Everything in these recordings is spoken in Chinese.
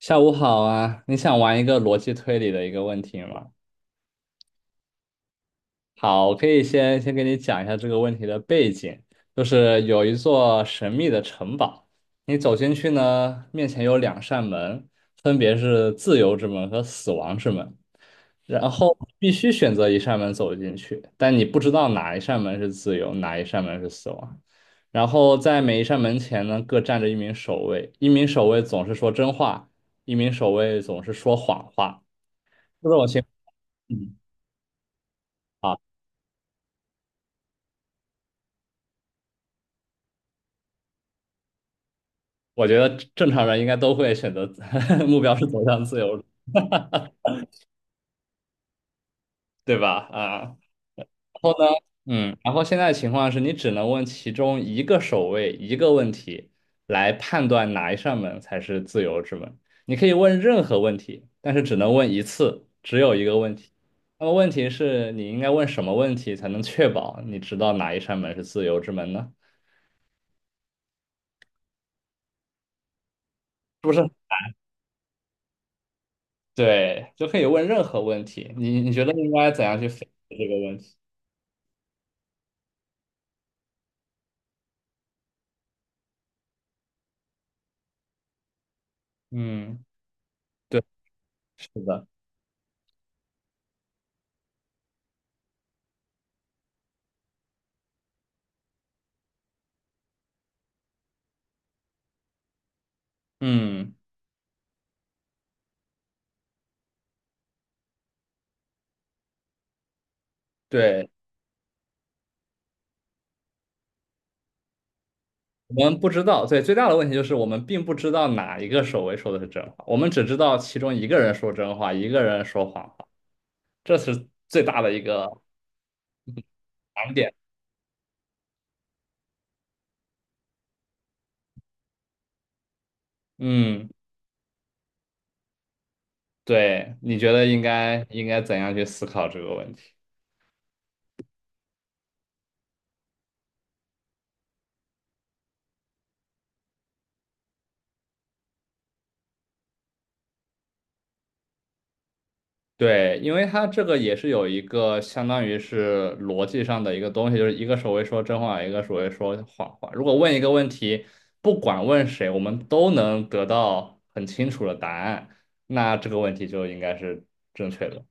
下午好啊，你想玩一个逻辑推理的一个问题吗？好，我可以先给你讲一下这个问题的背景，就是有一座神秘的城堡，你走进去呢，面前有两扇门，分别是自由之门和死亡之门，然后必须选择一扇门走进去，但你不知道哪一扇门是自由，哪一扇门是死亡。然后在每一扇门前呢，各站着一名守卫，一名守卫总是说真话，一名守卫总是说谎话。这种情嗯。啊，我觉得正常人应该都会选择 目标是走向自由，对吧？啊，然后呢，嗯。然后现在情况是你只能问其中一个守卫一个问题来判断哪一扇门才是自由之门。你可以问任何问题，但是只能问一次，只有一个问题。那么问题是你应该问什么问题才能确保你知道哪一扇门是自由之门呢？是？不对，就可以问任何问题。你觉得应该怎样去分析这个问题？嗯，对，是的。嗯，对，我们不知道。对，最大的问题就是我们并不知道哪一个守卫说的是真话，我们只知道其中一个人说真话，一个人说谎话，这是最大的一个难点。嗯，对，你觉得应该怎样去思考这个问题？对，因为它这个也是有一个相当于是逻辑上的一个东西，就是一个手会说真话，一个手会说谎话。如果问一个问题，不管问谁，我们都能得到很清楚的答案，那这个问题就应该是正确的。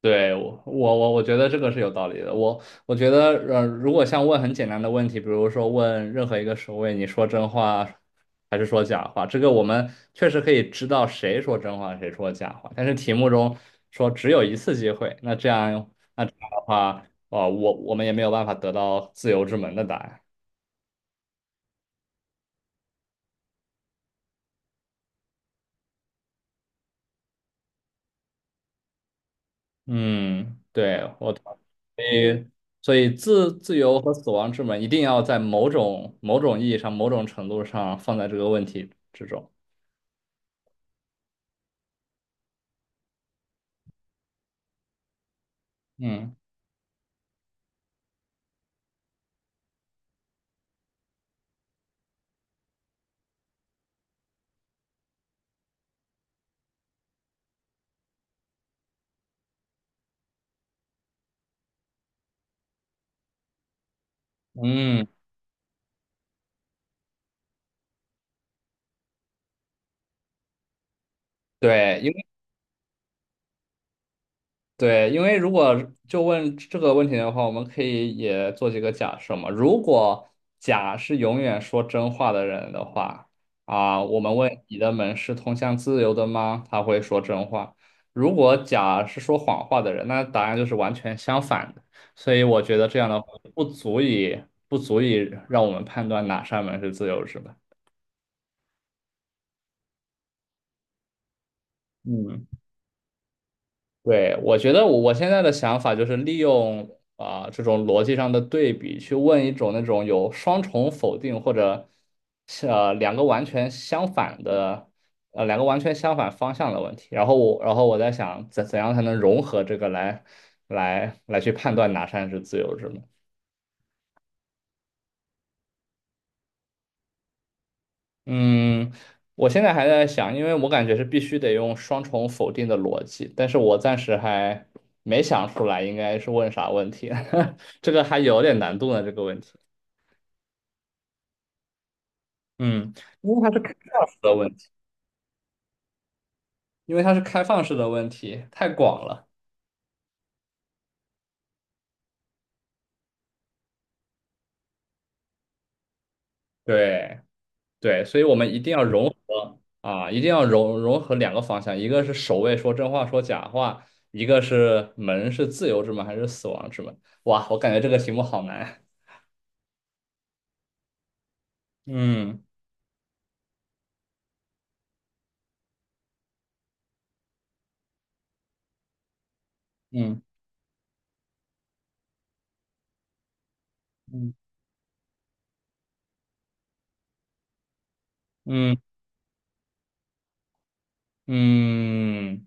对，我觉得这个是有道理的。我觉得，如果像问很简单的问题，比如说问任何一个守卫，你说真话还是说假话，这个我们确实可以知道谁说真话，谁说假话。但是题目中说只有一次机会，那这样的话，哦，我们也没有办法得到自由之门的答案。嗯，对，我同意。所以自由和死亡之门一定要在某种意义上、某种程度上放在这个问题之中。嗯。嗯，对，因为对，因为如果就问这个问题的话，我们可以也做几个假设嘛。如果甲是永远说真话的人的话，啊，我们问你的门是通向自由的吗？他会说真话。如果甲是说谎话的人，那答案就是完全相反的。所以我觉得这样的话不足以不足以让我们判断哪扇门是自由是吧？嗯。对，我觉得我现在的想法就是利用啊、这种逻辑上的对比，去问一种那种有双重否定或者呃两个完全相反的两个完全相反方向的问题。然后我在想怎样才能融合这个来来来去判断哪扇是自由之门。嗯，我现在还在想，因为我感觉是必须得用双重否定的逻辑，但是我暂时还没想出来应该是问啥问题，这个还有点难度呢，这个问题。嗯，因为它是开放式的问题，因为它是开放式的问题，太广了。对对，所以我们一定要融合啊，一定要融合两个方向，一个是守卫说真话说假话，一个是门是自由之门还是死亡之门。哇，我感觉这个题目好难。嗯嗯。嗯嗯嗯，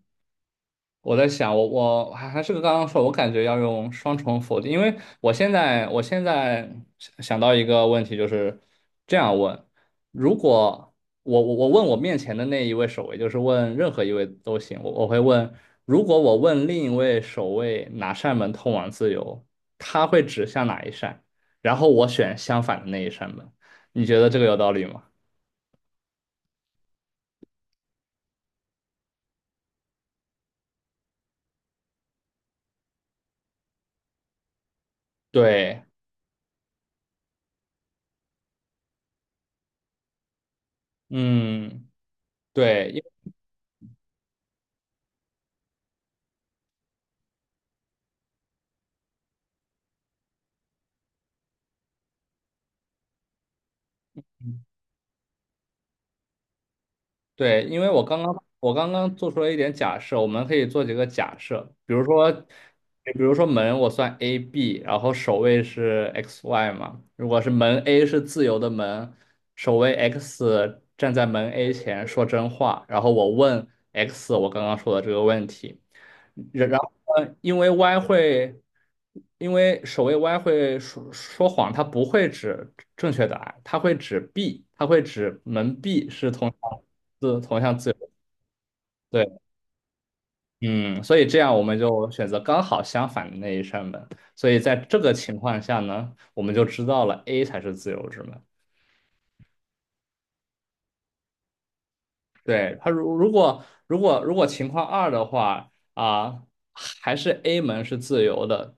我在想，我还是刚刚说，我感觉要用双重否定，因为我现在想到一个问题，就是这样问：如果我问我面前的那一位守卫，就是问任何一位都行，我会问，如果我问另一位守卫哪扇门通往自由，他会指向哪一扇，然后我选相反的那一扇门，你觉得这个有道理吗？对。嗯。对。对，因为我刚刚做出了一点假设，我们可以做几个假设，比如说，比如说门我算 A B，然后首位是 X Y 嘛，如果是门 A 是自由的门，首位 X 站在门 A 前说真话，然后我问 X 我刚刚说的这个问题，然后呢，因为 Y 会，因为守卫 Y 会说谎，它不会指正确答案，它会指 B，它会指门 B 是同向字同向自由。对。嗯。所以这样我们就选择刚好相反的那一扇门。所以在这个情况下呢，我们就知道了 A 才是自由之门。对，它如果情况二的话啊，还是 A 门是自由的，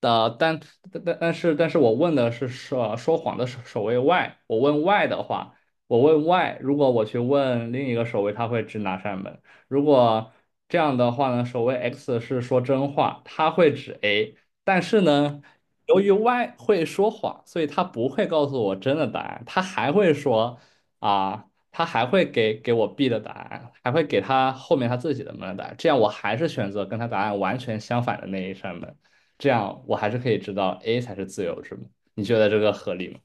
但但是我问的是说谎的守卫 Y，我问 Y 的话，我问 Y，如果我去问另一个守卫，他会指哪扇门？如果这样的话呢，守卫 X 是说真话，他会指 A，但是呢，由于 Y 会说谎，所以他不会告诉我真的答案，他还会说啊，他还会给我 B 的答案，还会给他后面他自己的门的答案，这样我还是选择跟他答案完全相反的那一扇门。这样我还是可以知道 A 才是自由之门。你觉得这个合理吗？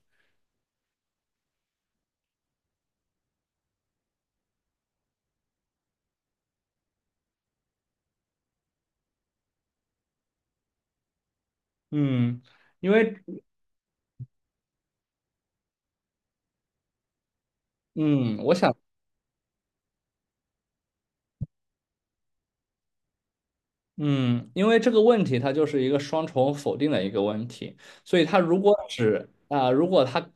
嗯。因为嗯。嗯。因为这个问题它就是一个双重否定的一个问题，所以它如果只啊、如果它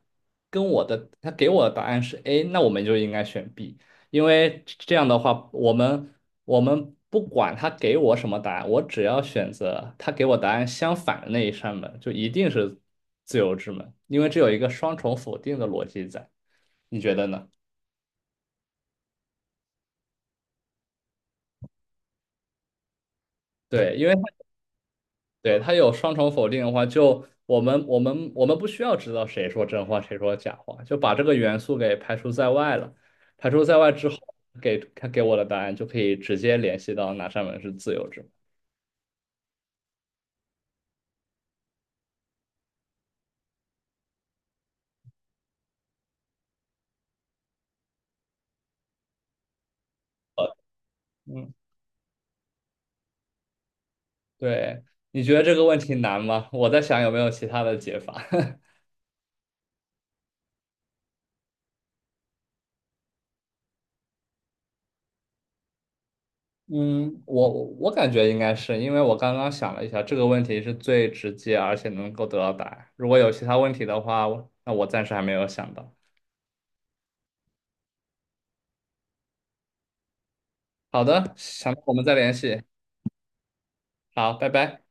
跟我的它给我的答案是 A，那我们就应该选 B，因为这样的话，我们我们不管他给我什么答案，我只要选择他给我答案相反的那一扇门，就一定是自由之门，因为这有一个双重否定的逻辑在。你觉得呢？对。因为它对，它有双重否定的话，就我们不需要知道谁说真话，谁说假话，就把这个元素给排除在外了。排除在外之后，给它给我的答案就可以直接联系到哪扇门是自由之门。呃嗯，对，你觉得这个问题难吗？我在想有没有其他的解法。嗯，我感觉应该是，因为我刚刚想了一下，这个问题是最直接而且能够得到答案。如果有其他问题的话，我暂时还没有想到。好的，想到我们再联系。好，拜拜。